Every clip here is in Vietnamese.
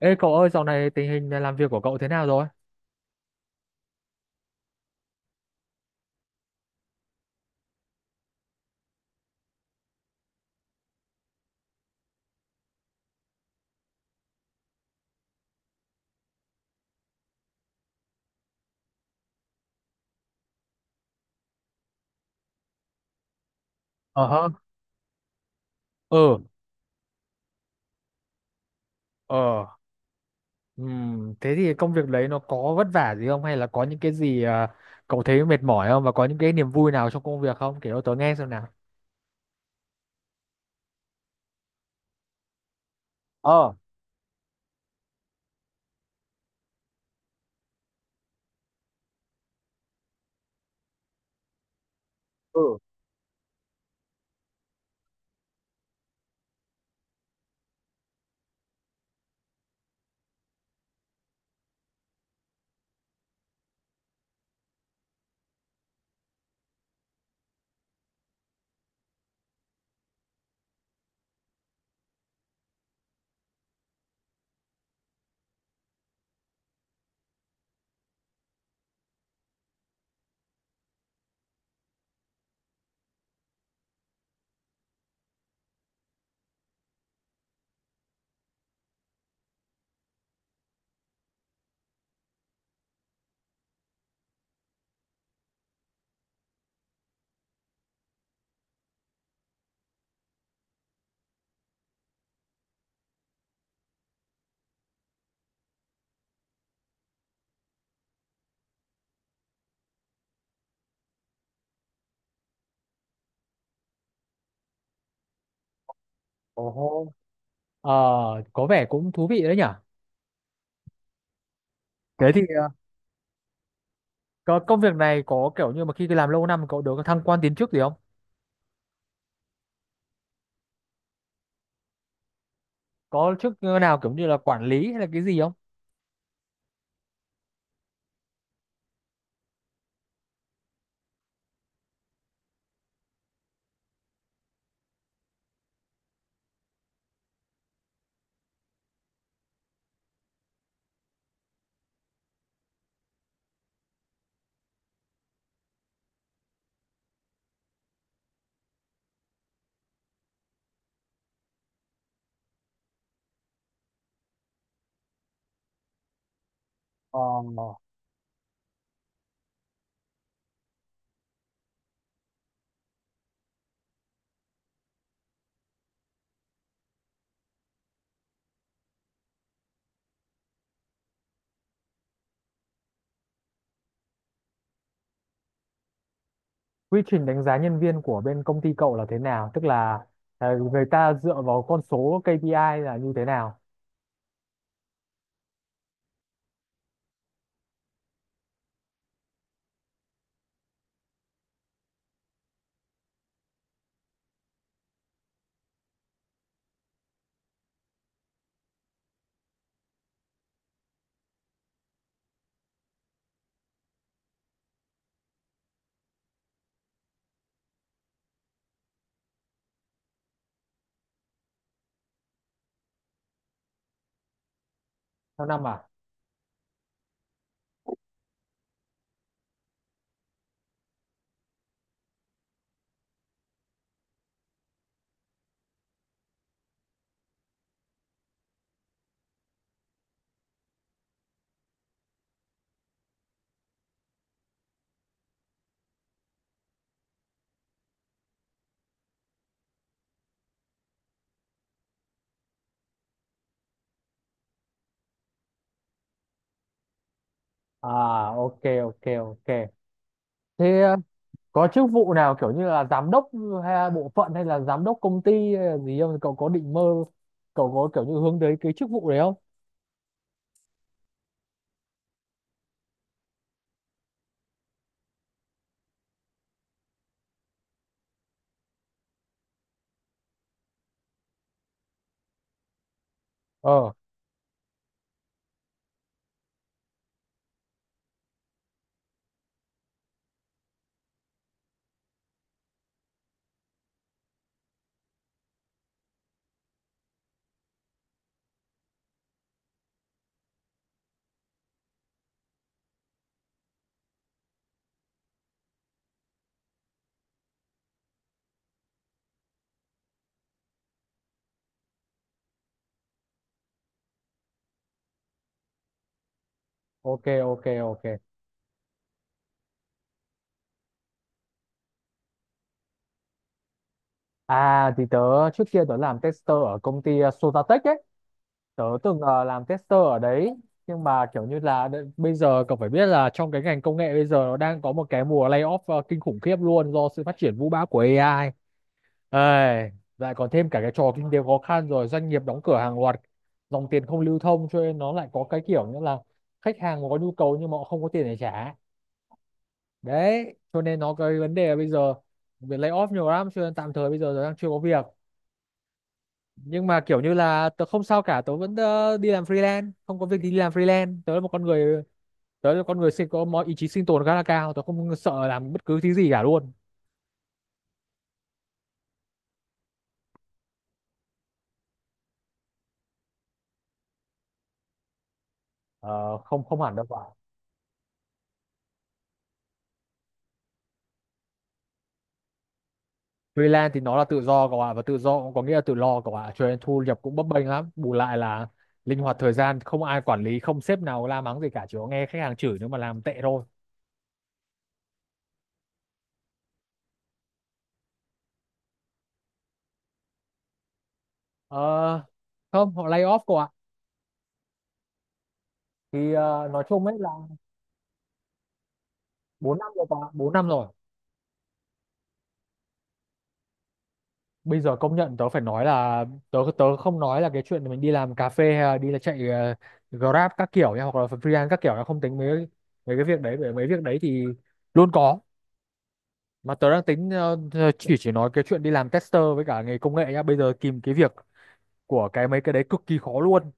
Ê cậu ơi, dạo này tình hình làm việc của cậu thế nào rồi? Ờ hơ. Ờ. ờ, thế thì công việc đấy nó có vất vả gì không? Hay là có những cái gì cậu thấy mệt mỏi không? Và có những cái niềm vui nào trong công việc không? Kể cho tớ nghe xem nào. ờ, ừ. Ồ hô. Ờ, có vẻ cũng thú vị đấy nhở? Thế thì có công việc này có kiểu như mà khi làm lâu năm cậu được thăng quan tiến chức gì không? Có chức nào kiểu như là quản lý hay là cái gì không? Ờ. Quy trình đánh giá nhân viên của bên công ty cậu là thế nào, tức là người ta dựa vào con số KPI là như thế nào? Theo năm à? à ok, ok, ok. Thế có chức vụ nào kiểu như là giám đốc hay là bộ phận hay là giám đốc công ty hay là gì không, cậu có định mơ, cậu có kiểu như hướng tới cái chức vụ đấy không? ờ ok, ok, ok. Thì tớ, trước kia tớ làm tester ở công ty Sotatech ấy, tớ từng làm tester ở đấy. Nhưng mà kiểu như là bây giờ cậu phải biết là trong cái ngành công nghệ bây giờ nó đang có một cái mùa layoff kinh khủng khiếp luôn do sự phát triển vũ bão của AI. Ê, lại còn thêm cả cái trò kinh tế khó khăn, rồi doanh nghiệp đóng cửa hàng loạt, dòng tiền không lưu thông, cho nên nó lại có cái kiểu như là khách hàng có nhu cầu nhưng mà họ không có tiền để trả. Đấy, cho nên nó cái vấn đề là bây giờ việc layoff nhiều lắm, cho nên tạm thời bây giờ tớ đang chưa có việc. Nhưng mà kiểu như là tớ không sao cả, tớ vẫn đi làm freelance. Không có việc thì đi làm freelance. Tớ là một con người, tớ là con người sinh có mọi ý chí sinh tồn khá là cao, tớ không sợ làm bất cứ thứ gì cả luôn. Ờ, không, không hẳn đâu ạ. Freelance thì nó là tự do cậu ạ, và tự do cũng có nghĩa là tự lo cậu ạ, cho nên thu nhập cũng bấp bênh lắm, bù lại là linh hoạt thời gian, không ai quản lý, không sếp nào la mắng gì cả, chỉ có nghe khách hàng chửi nếu mà làm tệ thôi. Ờ, không, họ lay off cậu ạ. Thì nói chung ấy là 4 năm rồi cậu ạ, 4 năm rồi. Bây giờ công nhận tớ phải nói là tớ, tớ không nói là cái chuyện mình đi làm cà phê hay là đi là chạy Grab các kiểu nha, hoặc là freelance các kiểu là không tính mấy, mấy cái việc đấy bởi mấy việc đấy thì luôn có. Mà tớ đang tính chỉ nói cái chuyện đi làm tester với cả nghề công nghệ nhá, bây giờ kìm cái việc của cái mấy cái đấy cực kỳ khó luôn.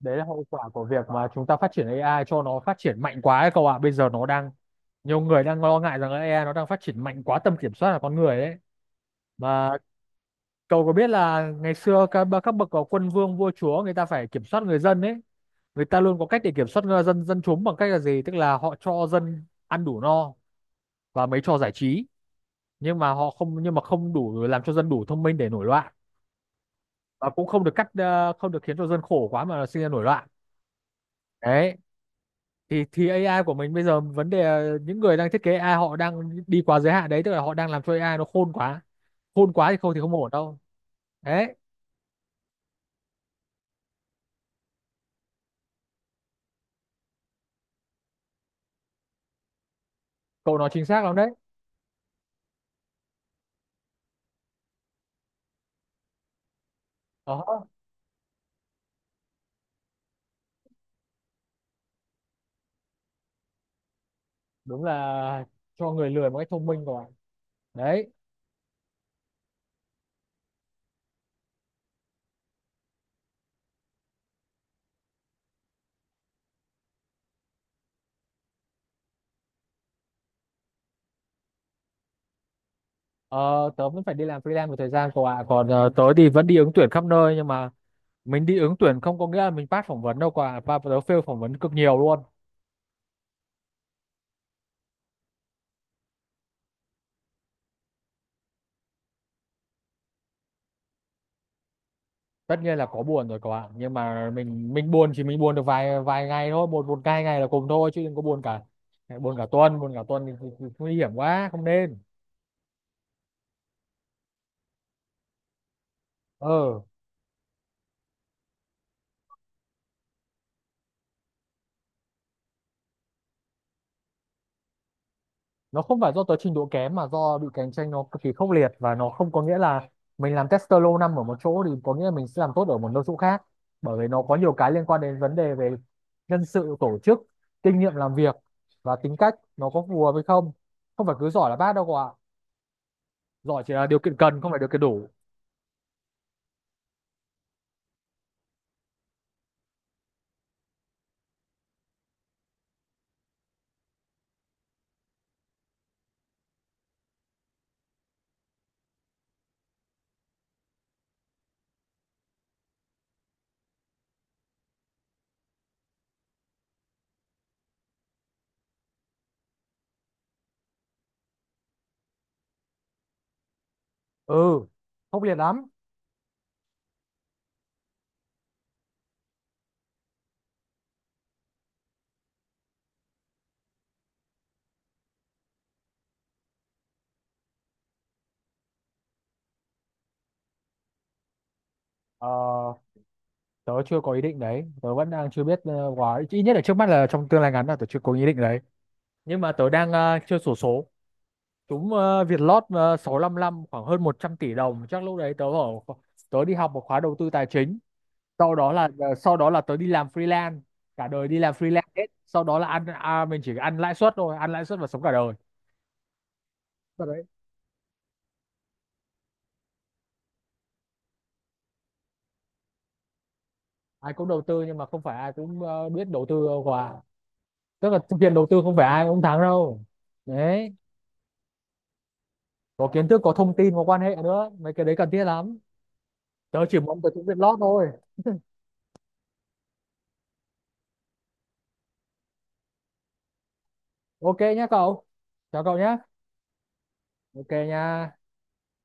Đấy là hậu quả của việc mà chúng ta phát triển AI cho nó phát triển mạnh quá ấy cậu ạ, bây giờ nó đang nhiều người đang lo ngại rằng là AI nó đang phát triển mạnh quá tầm kiểm soát là con người đấy, mà cậu có biết là ngày xưa các bậc có quân vương vua chúa người ta phải kiểm soát người dân ấy, người ta luôn có cách để kiểm soát người dân, dân chúng bằng cách là gì? Tức là họ cho dân ăn đủ no và mấy trò giải trí, nhưng mà không đủ làm cho dân đủ thông minh để nổi loạn, và cũng không được cắt, không được khiến cho dân khổ quá mà sinh ra nổi loạn. Đấy. Thì AI của mình bây giờ vấn đề là những người đang thiết kế AI họ đang đi quá giới hạn đấy, tức là họ đang làm cho AI nó khôn quá. Khôn quá thì không ổn đâu. Đấy, cậu nói chính xác lắm đấy. Đó. Đúng là cho người lười một cách thông minh rồi. Đấy, ờ, tớ vẫn phải đi làm freelance một thời gian cậu ạ, còn tớ thì vẫn đi ứng tuyển khắp nơi, nhưng mà mình đi ứng tuyển không có nghĩa là mình pass phỏng vấn đâu cậu ạ, và tớ fail phỏng vấn cực nhiều luôn. Tất nhiên là có buồn rồi cậu ạ, nhưng mà mình buồn, chỉ mình buồn được vài vài ngày thôi, một một hai ngày là cùng thôi, chứ đừng có buồn cả tuần. Buồn cả tuần thì nguy hiểm quá, không nên. ờ nó không phải do tới trình độ kém, mà do bị cạnh tranh nó cực kỳ khốc liệt, và nó không có nghĩa là mình làm tester lâu năm ở một chỗ thì có nghĩa là mình sẽ làm tốt ở một nơi chỗ khác, bởi vì nó có nhiều cái liên quan đến vấn đề về nhân sự tổ chức, kinh nghiệm làm việc, và tính cách nó có phù hợp hay không. Không phải cứ giỏi là bác đâu cậu ạ, giỏi chỉ là điều kiện cần không phải điều kiện đủ. Ừ, khốc liệt lắm. ờ, Tớ chưa có ý định đấy, tớ vẫn đang chưa biết quá, ít nhất là trước mắt là trong tương lai ngắn là tớ chưa có ý định đấy. Nhưng mà tớ đang chưa sổ số. Đúng, Vietlott 655 khoảng hơn 100 tỷ đồng, chắc lúc đấy tớ ở kho- tớ đi học một khóa đầu tư tài chính, sau đó là tớ đi làm freelance cả đời, đi làm freelance hết. Sau đó mình chỉ ăn lãi suất thôi, ăn lãi suất và sống cả đời. Thật đấy. Ai cũng đầu tư nhưng mà không phải ai cũng biết đầu tư đâu quả, tức là thực hiện đầu tư không phải ai cũng thắng đâu. Đấy, có kiến thức, có thông tin, có quan hệ nữa, mấy cái đấy cần thiết lắm. Tớ chỉ muốn tớ trúng Vietlott thôi. Ok nhé cậu, chào cậu nhé. Ok nha.